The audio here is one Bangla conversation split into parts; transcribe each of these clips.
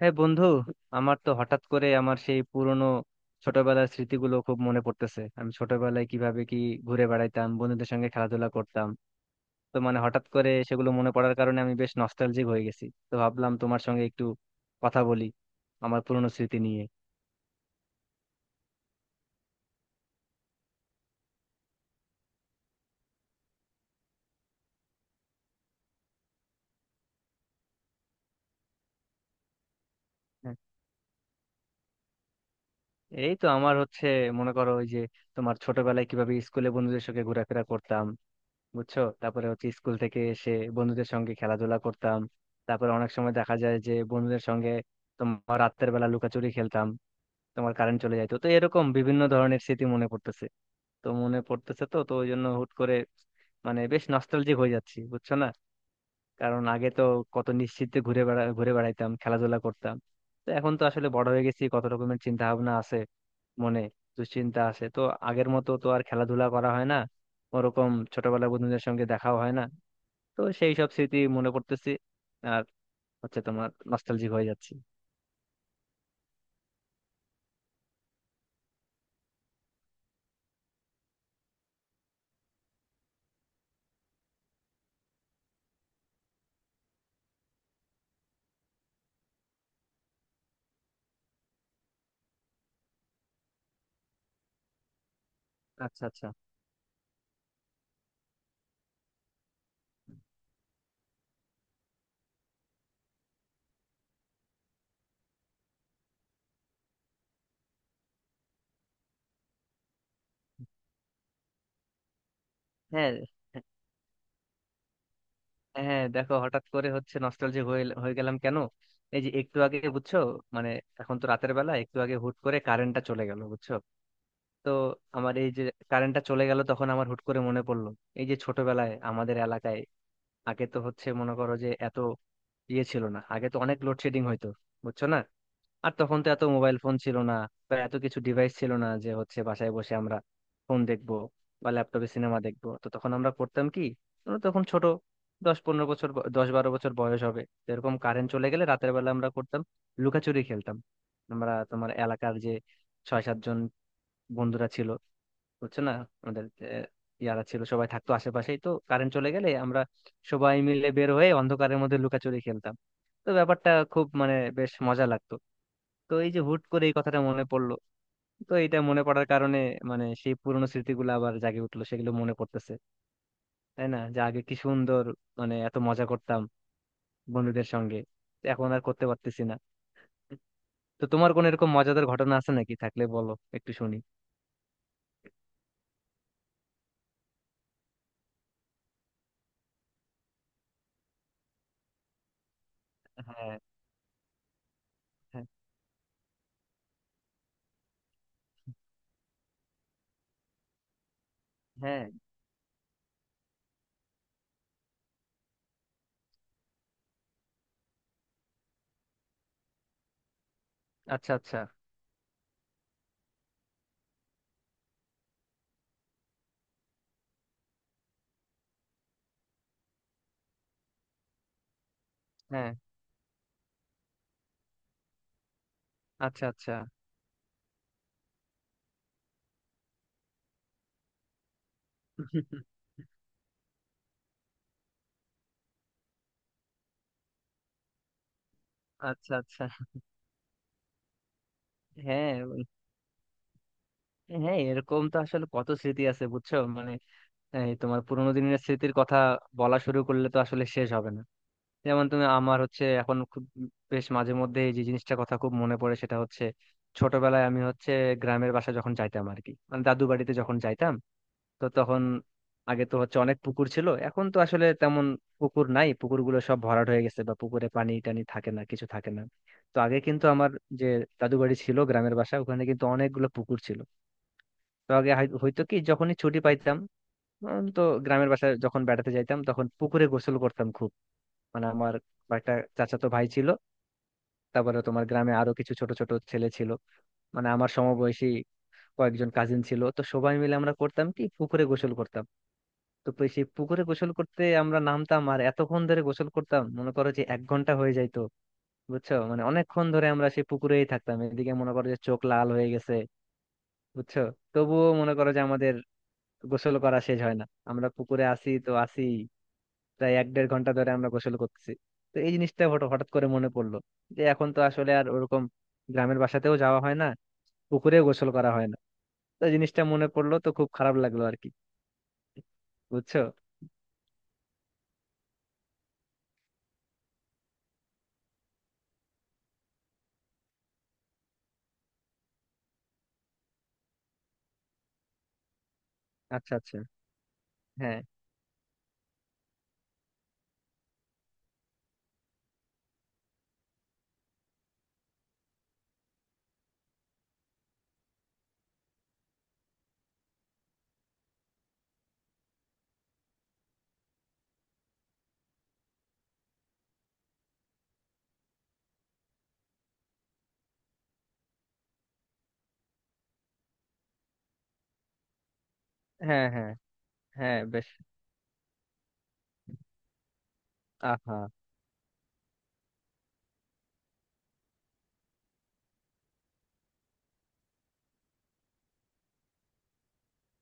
হ্যাঁ বন্ধু। আমার তো হঠাৎ করে আমার সেই পুরনো ছোটবেলার স্মৃতিগুলো খুব মনে পড়তেছে। আমি ছোটবেলায় কিভাবে কি ঘুরে বেড়াইতাম বন্ধুদের সঙ্গে, খেলাধুলা করতাম। তো মানে হঠাৎ করে সেগুলো মনে পড়ার কারণে আমি বেশ নস্টালজিক হয়ে গেছি। তো ভাবলাম তোমার সঙ্গে একটু কথা বলি আমার পুরনো স্মৃতি নিয়ে। হ্যাঁ, এই তো আমার হচ্ছে, মনে করো ওই যে তোমার ছোটবেলায় কিভাবে স্কুলে বন্ধুদের সঙ্গে ঘোরাফেরা করতাম, বুঝছো, তারপরে হচ্ছে স্কুল থেকে এসে বন্ধুদের সঙ্গে খেলাধুলা করতাম। তারপরে অনেক সময় দেখা যায় যে বন্ধুদের সঙ্গে তোমার রাতের বেলা লুকাচুরি খেলতাম, তোমার কারেন্ট চলে যাইতো। তো এরকম বিভিন্ন ধরনের স্মৃতি মনে পড়তেছে। তো মনে পড়তেছে তো তো ওই জন্য হুট করে মানে বেশ নস্টালজিক হয়ে যাচ্ছি, বুঝছো না। কারণ আগে তো কত নিশ্চিন্তে ঘুরে বেড়াইতাম, খেলাধুলা করতাম। তো এখন তো আসলে বড় হয়ে গেছি, কত রকমের চিন্তা ভাবনা আছে মনে, দুশ্চিন্তা আছে। তো আগের মতো তো আর খেলাধুলা করা হয় না, ওরকম ছোটবেলার বন্ধুদের সঙ্গে দেখাও হয় না। তো সেই সব স্মৃতি মনে করতেছি, আর হচ্ছে তোমার নস্টালজিক হয়ে যাচ্ছি। আচ্ছা আচ্ছা। হ্যাঁ। হ্যাঁ। হ্যাঁ, দেখো হঠাৎ করে হচ্ছে নস্টালজিক হয়ে হয়ে গেলাম কেন? এই যে একটু আগে, বুঝছো, মানে এখন তো রাতের বেলা একটু আগে হুট করে কারেন্টটা চলে গেল, বুঝছো। তো আমার এই যে কারেন্টটা চলে গেল তখন আমার হুট করে মনে পড়লো এই যে ছোটবেলায় আমাদের এলাকায় আগে তো হচ্ছে মনে করো যে এত ইয়ে ছিল না, আগে তো অনেক লোডশেডিং হইতো, বুঝছো না। আর তখন তো এত মোবাইল ফোন ছিল না বা এত কিছু ডিভাইস ছিল না যে হচ্ছে বাসায় বসে আমরা ফোন দেখবো বা ল্যাপটপে সিনেমা দেখবো। তো তখন আমরা করতাম কি, আমরা তখন ছোট, 10-15 বছর 10-12 বছর বয়স হবে। তো এরকম কারেন্ট চলে গেলে রাতের বেলা আমরা করতাম লুকাচুরি খেলতাম। আমরা তোমার এলাকার যে 6-7 জন বন্ধুরা ছিল, বুঝছো না, আমাদের আহ, ইয়ারা ছিল, সবাই থাকতো আশেপাশেই। তো কারেন্ট চলে গেলে আমরা সবাই মিলে বের হয়ে অন্ধকারের মধ্যে লুকাচুরি খেলতাম। তো ব্যাপারটা খুব মানে বেশ মজা লাগতো। তো এই যে হুট করে এই কথাটা মনে পড়লো, তো এটা মনে পড়ার কারণে মানে সেই পুরোনো স্মৃতিগুলো আবার জাগে উঠলো, সেগুলো মনে পড়তেছে, তাই না, যে আগে কি সুন্দর মানে এত মজা করতাম বন্ধুদের সঙ্গে, তো এখন আর করতে পারতেছি না। তো তোমার কোন এরকম মজাদার ঘটনা আছে নাকি? থাকলে বলো একটু শুনি। হ্যাঁ। হ্যাঁ। হ্যাঁ। আচ্ছা আচ্ছা। হ্যাঁ। আচ্ছা আচ্ছা। আচ্ছা আচ্ছা। হ্যাঁ হ্যাঁ, এরকম তো আসলে কত স্মৃতি আছে, বুঝছো মানে। এই তোমার পুরোনো দিনের স্মৃতির কথা বলা শুরু করলে তো আসলে শেষ হবে না। যেমন তুমি, আমার হচ্ছে এখন খুব বেশ মাঝে মধ্যে এই যে জিনিসটা কথা খুব মনে পড়ে সেটা হচ্ছে ছোটবেলায় আমি হচ্ছে গ্রামের বাসা যখন যাইতাম আর কি, মানে দাদু বাড়িতে যখন যাইতাম। তো তখন আগে তো হচ্ছে অনেক পুকুর ছিল, এখন তো আসলে তেমন পুকুর নাই, পুকুরগুলো সব ভরাট হয়ে গেছে বা পুকুরে পানি টানি থাকে না, কিছু থাকে না। তো আগে কিন্তু আমার যে দাদু বাড়ি ছিল গ্রামের বাসা, ওখানে কিন্তু অনেকগুলো পুকুর ছিল। তো আগে হয়তো কি যখনই ছুটি পাইতাম তো গ্রামের বাসায় যখন বেড়াতে যাইতাম তখন পুকুরে গোসল করতাম খুব। মানে আমার কয়েকটা চাচাতো ভাই ছিল, তারপরে তোমার গ্রামে আরো কিছু ছোট ছোট ছেলে ছিল, মানে আমার সমবয়সী কয়েকজন কাজিন ছিল। তো সবাই মিলে আমরা করতাম কি পুকুরে গোসল করতাম। তো সেই পুকুরে গোসল করতে আমরা নামতাম আর এতক্ষণ ধরে গোসল করতাম, মনে করো যে 1 ঘন্টা হয়ে যাইতো, বুঝছো, মানে অনেকক্ষণ ধরে আমরা সেই পুকুরেই থাকতাম, এদিকে মনে করো যে চোখ লাল হয়ে গেছে, বুঝছো। তবুও মনে করো যে আমাদের গোসল করা শেষ হয় না, আমরা পুকুরে আসি তো আসি, প্রায় 1-1.5 ঘন্টা ধরে আমরা গোসল করতেছি। তো এই জিনিসটা হঠাৎ হঠাৎ করে মনে পড়লো যে এখন তো আসলে আর ওরকম গ্রামের বাসাতেও যাওয়া হয় না, পুকুরেও গোসল করা হয় না। তো এই জিনিসটা মনে পড়লো তো খুব খারাপ লাগলো আর কি, বুঝছো। আচ্ছা আচ্ছা। হ্যাঁ। হ্যাঁ। হ্যাঁ। হ্যাঁ বেশ। আহা।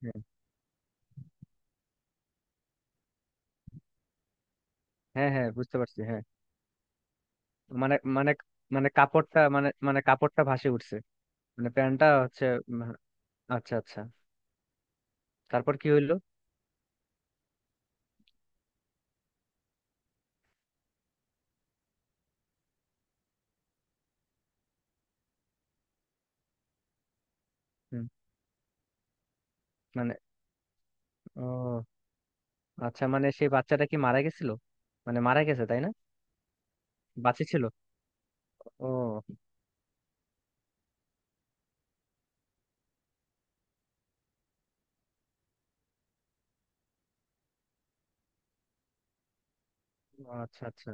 হ্যাঁ। হ্যাঁ। হ্যাঁ বুঝতে পারছি, হ্যাঁ। মানে মানে মানে কাপড়টা মানে মানে কাপড়টা ভাসে উঠছে। মানে প্যান্টটা হচ্ছে উম, আচ্ছা আচ্ছা। তারপর কি হইলো? হুম। মানে, ও আচ্ছা, মানে সেই বাচ্চাটা কি মারা গেছিল, মানে মারা গেছে তাই না? বাঁচি ছিল? ও আচ্ছা আচ্ছা।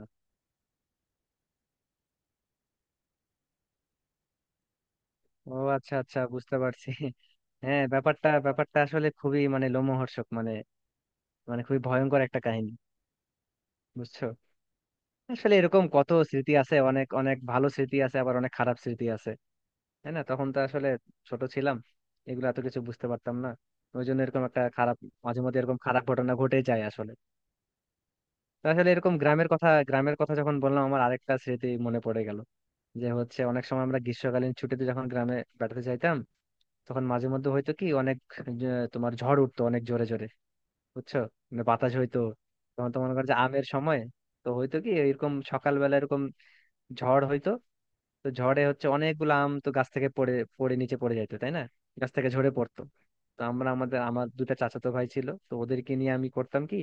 ও আচ্ছা আচ্ছা, বুঝতে পারছি। হ্যাঁ, ব্যাপারটা ব্যাপারটা আসলে খুবই মানে লোমহর্ষক, মানে মানে খুবই ভয়ঙ্কর একটা কাহিনী, বুঝছো। আসলে এরকম কত স্মৃতি আছে, অনেক অনেক ভালো স্মৃতি আছে, আবার অনেক খারাপ স্মৃতি আছে, তাই না? তখন তো আসলে ছোট ছিলাম, এগুলো এত কিছু বুঝতে পারতাম না, ওই জন্য এরকম একটা খারাপ, মাঝে মধ্যে এরকম খারাপ ঘটনা ঘটে যায় আসলে। তো আসলে এরকম গ্রামের কথা যখন বললাম, আমার আরেকটা স্মৃতি মনে পড়ে গেল। যে হচ্ছে অনেক সময় আমরা গ্রীষ্মকালীন ছুটিতে যখন গ্রামে বেড়াতে যাইতাম তখন মাঝে মধ্যে হয়তো কি অনেক, যে তোমার ঝড় উঠতো অনেক জোরে জোরে, বুঝছো, মানে বাতাস হইতো। তখন তো মনে করো যে আমের সময়, তো হয়তো কি এরকম সকালবেলা এরকম ঝড় হইতো। তো ঝড়ে হচ্ছে অনেকগুলো আম তো গাছ থেকে পড়ে পড়ে নিচে পড়ে যাইতো, তাই না, গাছ থেকে ঝরে পড়তো। তো আমরা, আমাদের আমার দুটা চাচাতো ভাই ছিল, তো ওদেরকে নিয়ে আমি করতাম কি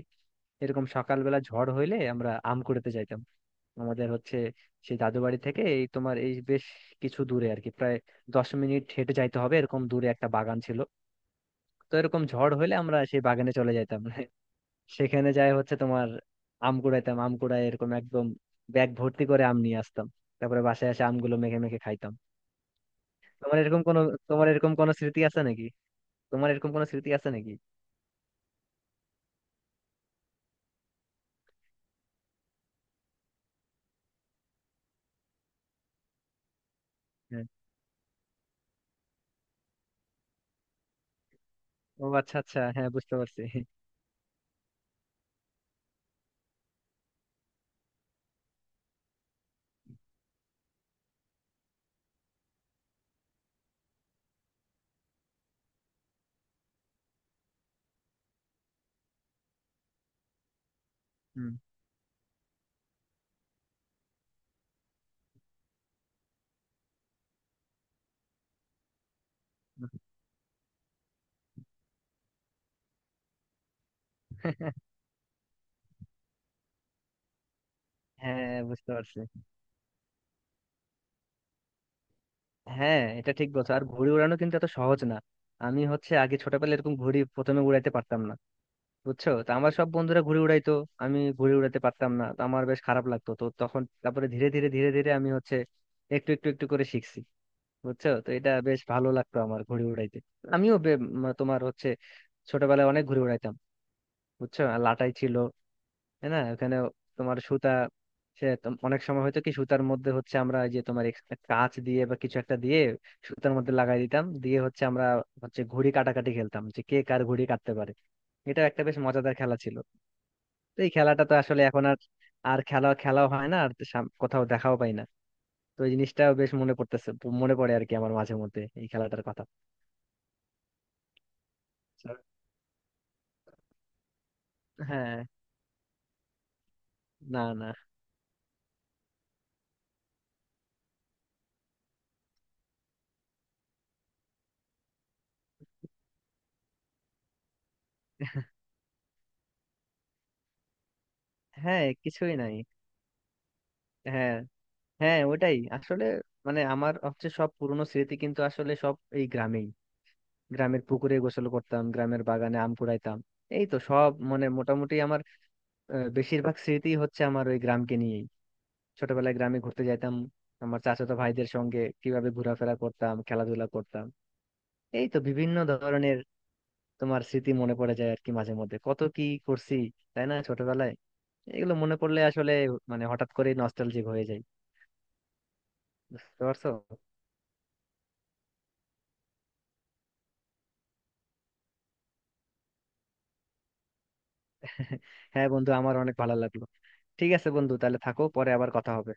এরকম সকালবেলা ঝড় হইলে আমরা আম কুড়াতে যাইতাম। আমাদের হচ্ছে সেই দাদু বাড়ি থেকে এই তোমার এই বেশ কিছু দূরে আর কি, প্রায় 10 মিনিট হেঁটে যাইতে হবে এরকম দূরে একটা বাগান ছিল। তো এরকম ঝড় হলে আমরা সেই বাগানে চলে যাইতাম। সেখানে যাই হচ্ছে তোমার আম কুড়াইতাম, আম কুড়াই এরকম একদম ব্যাগ ভর্তি করে আম নিয়ে আসতাম। তারপরে বাসায় এসে আমগুলো মেখে মেখে খাইতাম। তোমার এরকম কোনো, তোমার এরকম কোনো স্মৃতি আছে নাকি? তোমার এরকম কোনো স্মৃতি আছে নাকি? হ্যাঁ। ও আচ্ছা আচ্ছা, হ্যাঁ বুঝতে পারছি। হুম। হ্যাঁ বুঝতে পারছি। হ্যাঁ এটা ঠিক বলছো, আর ঘুড়ি উড়ানো কিন্তু এত সহজ না। আমি হচ্ছে আগে ছোটবেলায় এরকম ঘুড়ি প্রথমে উড়াইতে পারতাম না, বুঝছো। তো আমার সব বন্ধুরা ঘুড়ি উড়াইতো, আমি ঘুড়ি উড়াতে পারতাম না, তো আমার বেশ খারাপ লাগতো। তো তখন তারপরে ধীরে ধীরে আমি হচ্ছে একটু একটু একটু করে শিখছি, বুঝছো। তো এটা বেশ ভালো লাগতো আমার ঘুড়ি উড়াইতে। আমিও তোমার হচ্ছে ছোটবেলায় অনেক ঘুড়ি উড়াইতাম, বুঝছো। আর লাটাই ছিল, তাই না, ওখানে তোমার সুতা। সে তো অনেক সময় হয়তো কি সুতার মধ্যে হচ্ছে আমরা এই যে তোমার কাঁচ দিয়ে বা কিছু একটা দিয়ে সুতার মধ্যে লাগাই দিতাম, দিয়ে হচ্ছে আমরা হচ্ছে ঘুড়ি কাটাকাটি খেলতাম, যে কে কার ঘুড়ি কাটতে পারে। এটা একটা বেশ মজাদার খেলা ছিল। তো এই খেলাটা তো আসলে এখন আর আর খেলাও হয় না, আর কোথাও দেখাও পাই না। তো এই জিনিসটাও বেশ মনে পড়তেছে, মনে পড়ে আর কি আমার মাঝে মধ্যে এই খেলাটার কথা। So, হ্যাঁ। না, না। হ্যাঁ, কিছুই নাই। হ্যাঁ। হ্যাঁ, ওটাই আসলে, মানে আমার হচ্ছে সব পুরনো স্মৃতি কিন্তু আসলে সব এই গ্রামেই। গ্রামের পুকুরে গোসল করতাম, গ্রামের বাগানে আম কুড়াইতাম। এই তো সব মানে মোটামুটি আমার বেশিরভাগ স্মৃতি হচ্ছে আমার ওই গ্রামকে নিয়ে, ছোটবেলায় গ্রামে ঘুরতে যাইতাম, আমার চাচাতো ভাইদের সঙ্গে কিভাবে ঘোরাফেরা করতাম, খেলাধুলা করতাম। এই তো বিভিন্ন ধরনের তোমার স্মৃতি মনে পড়ে যায় আর কি, মাঝে মধ্যে কত কি করছি, তাই না, ছোটবেলায়। এগুলো মনে পড়লে আসলে মানে হঠাৎ করে নস্টালজিক হয়ে যায়, বুঝতে পারছো? হ্যাঁ বন্ধু, আমার অনেক ভালো লাগলো। ঠিক আছে বন্ধু, তাহলে থাকো, পরে আবার কথা হবে।